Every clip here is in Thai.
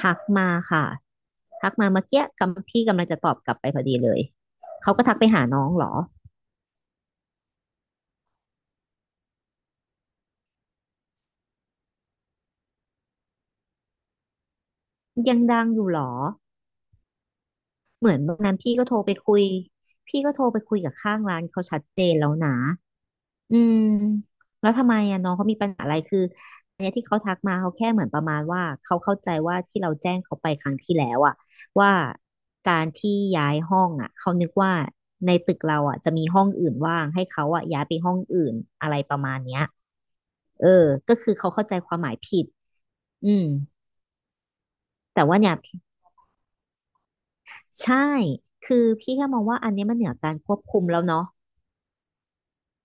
ทักมาค่ะทักมาเมื่อกี้กำพี่กำลังจะตอบกลับไปพอดีเลยเขาก็ทักไปหาน้องเหรอยังดังอยู่เหรอเหมือนวันนั้นพี่ก็โทรไปคุยพี่ก็โทรไปคุยกับข้างร้านเขาชัดเจนแล้วนะ อืมแล้วทำไมอ่ะน้องเขามีปัญหาอะไรคืออันเนี้ยที่เขาทักมาเขาแค่เหมือนประมาณว่าเขาเข้าใจว่าที่เราแจ้งเขาไปครั้งที่แล้วอ่ะว่าการที่ย้ายห้องอ่ะเขานึกว่าในตึกเราอ่ะจะมีห้องอื่นว่างให้เขาอ่ะย้ายไปห้องอื่นอะไรประมาณเนี้ยเออก็คือเขาเข้าใจความหมายผิดอืมแต่ว่าเนี่ยใช่คือพี่แค่มองว่าอันเนี้ยมันเหนือการควบคุมแล้วเนาะ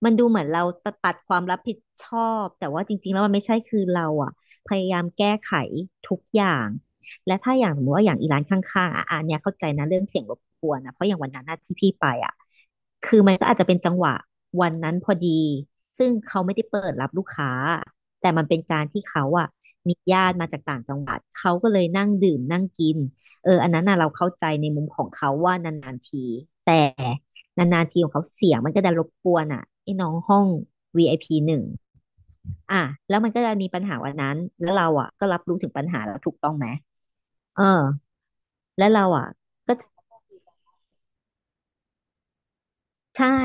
มันดูเหมือนเราปัดัดความรับผิดชอบแต่ว่าจริงๆแล้วมันไม่ใช่คือเราอ่ะพยายามแก้ไขทุกอย่างและถ้าอย่างสมมติว่าอย่างอีร้านข้างๆอ่ะอันเนี้ยเข้าใจนะเรื่องเสียงรบกวนนะเพราะอย่างวันนั้นน่ะที่พี่ไปอ่ะคือมันก็อาจจะเป็นจังหวะวันนั้นพอดีซึ่งเขาไม่ได้เปิดรับลูกค้าแต่มันเป็นการที่เขาอ่ะมีญาติมาจากต่างจังหวัดเขาก็เลยนั่งดื่มนั่งกินเอออันนั้นน่ะเราเข้าใจในมุมของเขาว่านานๆทีแต่ นานๆทีของเขาเสียงมันก็จะรบกวนอ่ะไอ้น้องห้อง VIP 1อ่ะแล้วมันก็จะมีปัญหาวันนั้นแล้วเราอ่ะก็รับรู้ถึงปัญหาแล้วถูกต้องไหมเออแล้วเราอ่ะก็ใช่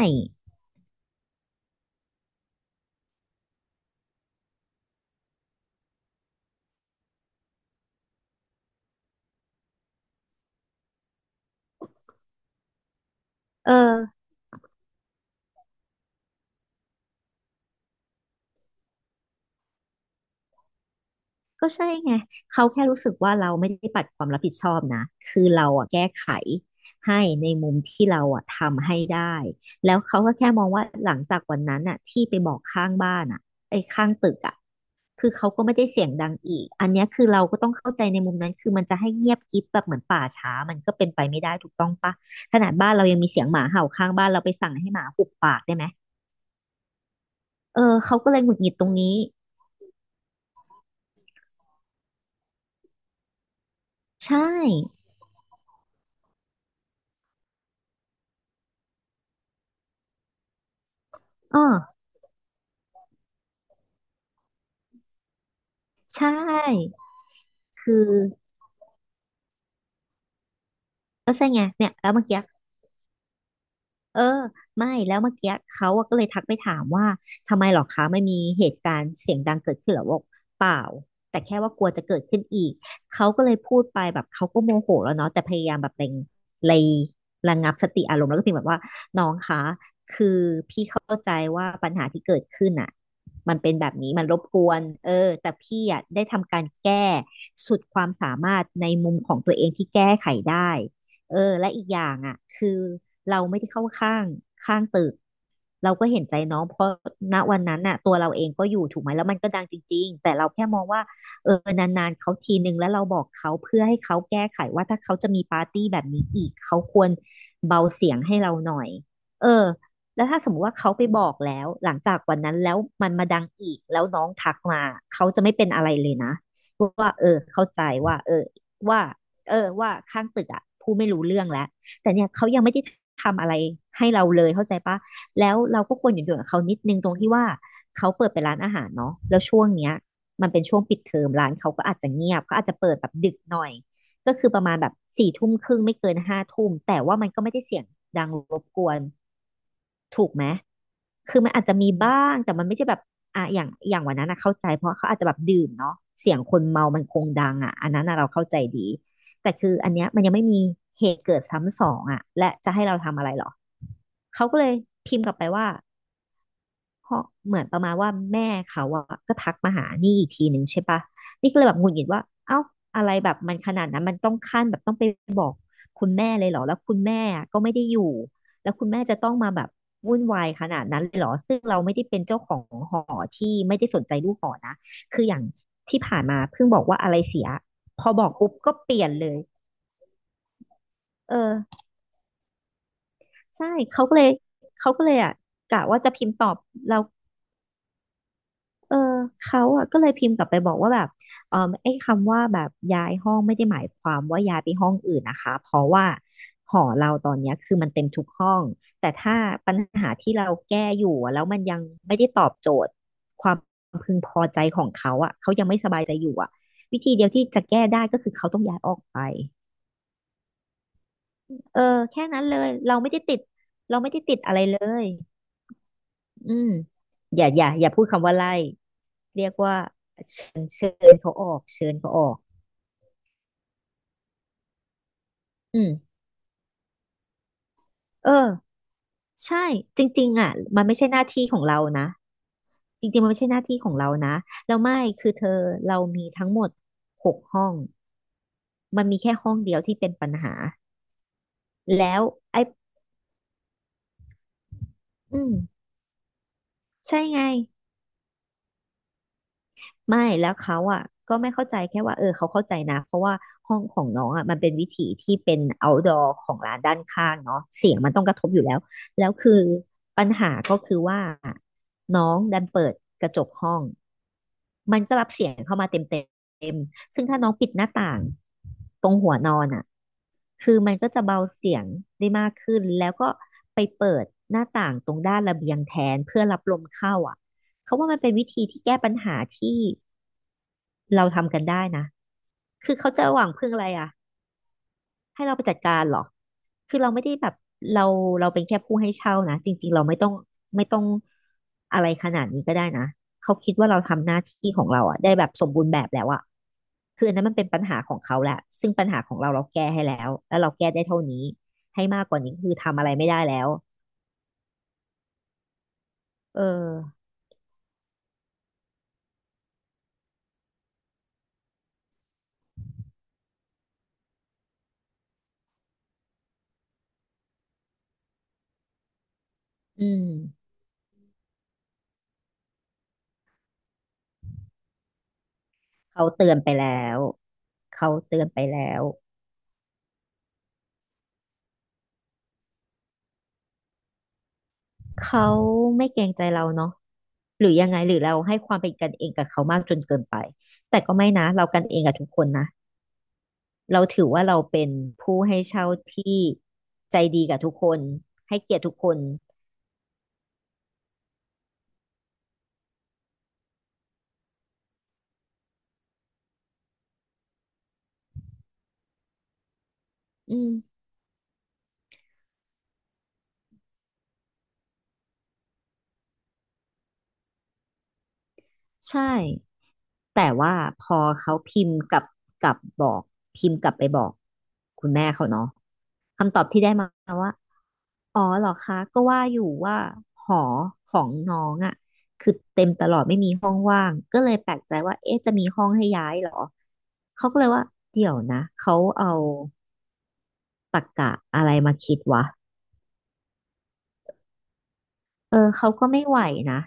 เออก็ใช่ไงเขาแค่รู้สึกว่าเราไม่ได้ปัดความรับผิดชอบนะคือเราอ่ะแก้ไขให้ในมุมที่เราอ่ะทำให้ได้แล้วเขาก็แค่มองว่าหลังจากวันนั้นอ่ะที่ไปบอกข้างบ้านอ่ะไอ้ยข้างตึกอ่ะ คือเขาก็ไม่ได้เสียงดังอีกอันเนี้ยคือเราก็ต้องเข้าใจในมุมนั้นคือมันจะให้เงียบกริบแบบเหมือนป่าช้ามันก็เป็นไปไม่ได้ถูกต้องปะขนาดบ้านเรายังมีเสียงหมาเห่าข้างบ้านเราไปสั่งให้หมาหุบปากได้ไหมเออเขาก็เลยหงุดหงิดตรงนี้ใช่อ๋อใช่คือก็ใช่ไงเนี่ยแล้วเมื่อกี้ เออไม่แล้วเมื่อกี้เขาอะก็เลยทักไปถามว่าทำไมหรอคะไม่มีเหตุการณ์เสียงดังเกิดขึ้นเหรอบอกเปล่าแต่แค่ว่ากลัวจะเกิดขึ้นอีกเขาก็เลยพูดไปแบบเขาก็โมโหแล้วเนาะแต่พยายามแบบเร่งเระระงับสติอารมณ์แล้วก็พิมพ์แบบว่าน้องคะคือพี่เข้าใจว่าปัญหาที่เกิดขึ้นอ่ะมันเป็นแบบนี้มันรบกวนเออแต่พี่อ่ะได้ทำการแก้สุดความสามารถในมุมของตัวเองที่แก้ไขได้ เออและอีกอย่างอ่ะคือเราไม่ได้เข้าข้างข้างตึกเราก็เห็นใจน้องเพราะณวันนั้นน่ะตัวเราเองก็อยู่ถูกไหมแล้วมันก็ดังจริงๆแต่เราแค่มองว่าเออนานๆเขาทีนึงแล้วเราบอกเขาเพื่อให้เขาแก้ไขว่าถ้าเขาจะมีปาร์ตี้แบบนี้อีกเขาควรเบาเสียงให้เราหน่อยเออแล้วถ้าสมมติว่าเขาไปบอกแล้วหลังจากวันนั้นแล้วมันมาดังอีกแล้วน้องทักมาเขาจะไม่เป็นอะไรเลยนะว่าเออเข้าใจว่าเออว่า เออว่าข้างตึกอ่ะผู้ไม่รู้เรื่องแล้วแต่เนี่ยเขายังไม่ได้ทำอะไรให้เราเลยเข้าใจปะแล้วเราก็ควรหยุดหย่อกับเขานิดนึงตรงที่ว่าเขาเปิดเป็นร้านอาหารเนาะแล้วช่วงเนี้ยมันเป็นช่วงปิดเทอมร้านเขาก็อาจจะเงียบเขาอาจจะเปิดแบบดึกหน่อยก็คือประมาณแบบสี่ทุ่มครึ่งไม่เกินห้าทุ่มแต่ว่ามันก็ไม่ได้เสียงดังรบกวน ถูกไหม คือมันอาจจะมีบ้าง แต่มันไม่ใช่แบบอ่ะอย่างอย่างวันนั้นนะเข้าใจ เพราะเขาอาจจะแบบดื่มเนาะเสียงคนเมามันคงดังอ่ะอันนั้นนะเราเข้าใจดี แต่คืออันเนี้ยมันยังไม่มีเหตุเกิดซ้ำสองอ่ะและจะให้เราทำอะไรหรอ เขาก็เลยพิมพ์กลับไปว่า เพราะเหมือนประมาณว่าแม่เขาอะก็ทักมาหานี่อีกทีหนึ่งใช่ปะนี่ก็เลยแบบหงุดหงิดว่าเอ้าอะไรแบบมันขนาดนั้นมันต้องขั้นแบบต้องไปบอกคุณแม่เลยเหรอแล้วคุณแม่อะก็ไม่ได้อยู่แล้วคุณแม่จะต้องมาแบบวุ่นวายขนาดนั้นเลยเหรอซึ่งเราไม่ได้เป็นเจ้าของหอที่ไม่ได้สนใจลูกหอนะคืออย่างที่ผ่านมาเพิ่งบอกว่าอะไรเสียพอบอกปุ๊บก็เปลี่ยนเลยเออใช่เขาก็เลยเขาก็เลยอ่ะกะว่าจะพิมพ์ตอบเรา เออเขาอะก็เลยพิมพ์กลับไปบอกว่าแบบเออไอ้คำว่าแบบย้ายห้องไม่ได้หมายความว่าย้ายไปห้องอื่นนะคะเพราะว่าหอเราตอนเนี้ยคือมันเต็มทุกห้องแต่ถ้าปัญหาที่เราแก้อยู่อะแล้วมันยังไม่ได้ตอบโจทย์ความพึงพอใจของเขาอะเขายังไม่สบายใจอยู่อะวิธีเดียวที่จะแก้ได้ก็คือเขาต้องย้ายออกไปเออแค่นั้นเลยเราไม่ได้ติดเราไม่ได้ติดอะไรเลยอืมอย่าพูดคำว่าไล่เรียกว่าเชิญเขาออกเชิญเขาออก อืมเออใช่จริงๆอ่ะมันไม่ใช่หน้าที่ของเรานะจริงๆมันไม่ใช่หน้าที่ของเรานะแล้วไม่คือเธอเรามีทั้งหมดหกห้องมันมีแค่ห้องเดียวที่เป็นปัญหาแล้วไอ้อืมใช่ไงไม่แล้วเขาอ่ะก็ไม่เข้าใจแค่ว่าเออเขาเข้าใจนะเพราะว่าห้องของน้องอ่ะมันเป็นวิถีที่เป็น outdoor ของร้านด้านข้างเนาะเสียงมันต้องกระทบอยู่แล้วแล้วคือปัญหาก็คือว่า น้องดันเปิดกระจกห้องมันก็รับเสียงเข้ามาเต็มเต็มซึ่งถ้าน้องปิดหน้าต่างตรงหัวนอนอ่ะคือมันก็จะเบาเสียงได้มากขึ้นแล้วก็ไปเปิดหน้าต่างตรงด้านระเบียงแทนเพื่อรับลมเข้าอ่ะเขาว่ามันเป็นวิธีที่แก้ปัญหาที่เราทำกันได้นะคือเขาจะหวังพึ่งอะไรอ่ะ ให้เราไปจัดการเหรอคือเราไม่ได้แบบเราเราเป็นแค่ผู้ให้เช่านะ จริงๆเราไม่ต้องอะไรขนาดนี้ก็ได้นะเขาคิดว่าเราทำหน้าที่ของเราอะได้แบบสมบูรณ์แบบแล้วอะคืออันนั้นมันเป็นปัญหาของเขาแหละซึ่งปัญหาของเราเราแก้ให้แล้วแล้วเราแก้ได้เท่านี้ให้มากกว่านี้คือทำอะไรไม่ได้แล้วเอออืมเขาเตือนไปแล้วเขาเตือนไปแล้ว เขาไม่เกรงใจเราเนาะหรือยังไงหรือเราให้ความเป็นกันเองกับเขามากจนเกินไปแต่ก็ไม่นะเรากันเองกับทุกคนนะเราถือว่าเราเป็นผู้ให้เช่าที่ใจดีกับทุกคนให้เกียรติทุกคนอืมใช่ แต่ว่าพอเขาพิมพ์กลับกลับบอกพิมพ์กลับไปบอกคุณแม่เขาเนาะคำตอบที่ได้มาว่าอ๋อเหรอคะก็ว่าอยู่ว่าหอของน้องอ่ะคือเต็มตลอดไม่มีห้องว่างก็เลยแปลกใจว่าเอ๊ะจะมีห้องให้ย้ายเหรอเขาก็เลยว่าเดี๋ยวนะเขาเอาตรรกะอะไรมาคิดวะเออเขาก็ไม่ไหวนะ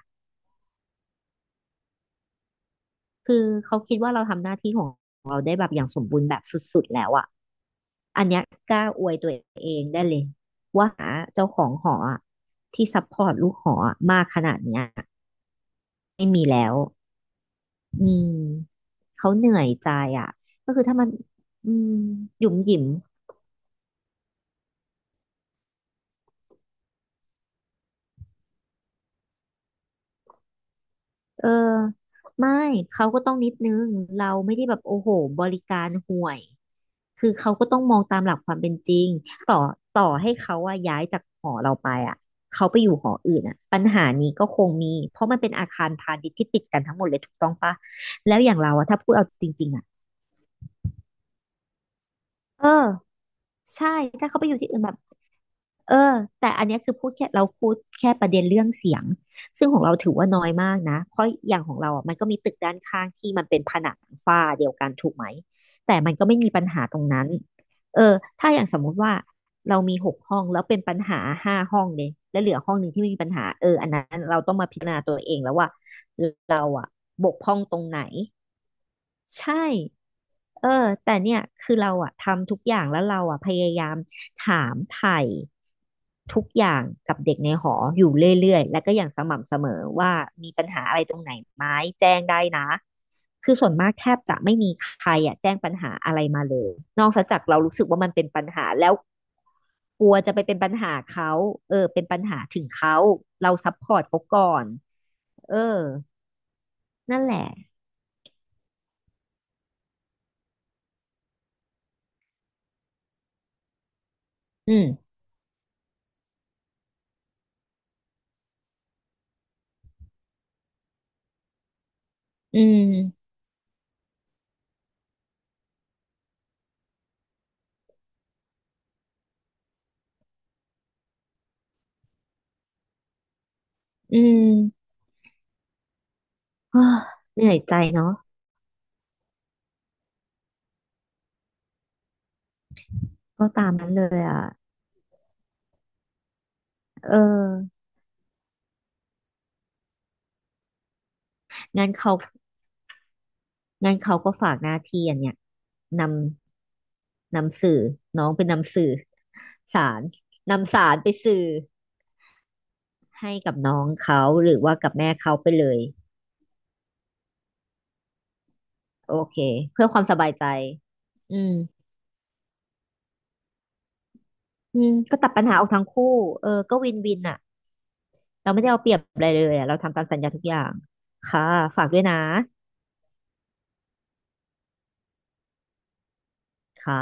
คือเขาคิดว่าเราทำหน้าที่ของเราได้แบบอย่างสมบูรณ์แบบสุดๆแล้วอ่ะอันเนี้ยกล้าอวยตัว ว่าหาเจ้าของหออะที่ซัพพอร์ตลูกหออะมากขนาดเนี้ยไม่มีแล้วอืมเขาเหนื่อยใจอ่ะก็คือถ้ามันอืมหยุ่มหยิมเออไม่เขาก็ต้องนิดนึงเราไม่ได้แบบโอ้โหบริการห่วย คือเขาก็ต้องมองตามหลักความเป็นจริงต่อต่อให้เขาอะย้ายจากหอเราไปอะเขาไปอยู่หออื่นอะปัญหานี้ก็คงมีเพราะมันเป็นอาคารพาณิชย์ที่ติดกันทั้งหมดเลยถูกต้องปะแล้วอย่างเราอะถ้าพูดเอาจริงๆอะเออ ใช่ถ้าเขาไปอยู่ที่อื่นแบบเออแต่อันเนี้ยคือพูดแค่ประเด็นเรื่องเสียงซึ่งของเราถือว่าน้อยมากนะเพราะอย่างของเราอ่ะมันก็มีตึกด้านข้างที่มันเป็นผนังฝ้าเดียวกันถูกไหมแต่มันก็ไม่มีปัญหาตรงนั้นเออถ้าอย่างสมมุติว่าเรามีหกห้องแล้วเป็นปัญหาห้าห้องเลยแล้วเหลือห้องหนึ่งที่ไม่มีปัญหาเอออันนั้นเราต้องมาพิจารณาตัวเองแล้วว่าเราอ่ะบกพร่องตรงไหน ใช่เออแต่เนี่ยคือเราอะทำทุกอย่างแล้วเราอะพยายามถามไถ่ทุกอย่างกับเด็กในหออยู่เรื่อยๆและก็อย่างสม่ำเสมอว่ามีปัญหาอะไรตรงไหนไหมแจ้งได้นะคือส่วนมากแทบจะไม่มีใครอะแจ้งปัญหาอะไรมาเลยนอกจากเรารู้สึกว่ามันเป็นปัญหาแล้วกลัวจะไปเป็นปัญหาเขาเออเป็นปัญหาถึงเขาเราซัพพอร์ตเขาก่อนเออนั่นแหละอืมอืมอืม เฮ้อเหนื่อยใจเนาะก็ตามนั้นเลยอ่ะเอองั้นเขางั้นเขาก็ฝากหน้าที่อันเนี้ยนนำสื่อน้องเป็นนำสื่อสารนำสารไปสื่อให้กับน้องเขาหรือว่ากับแม่เขาไปเลยโอเคเพื่อความสบายใจอืมอืมก็ตัดปัญหาออกทั้งคู่เออก็วินวินอ่ะเราไม่ได้เอาเปรียบอะไรเลยอะเราทำตามสัญญาทุกอย่างค่ะฝากด้วยนะค่ะ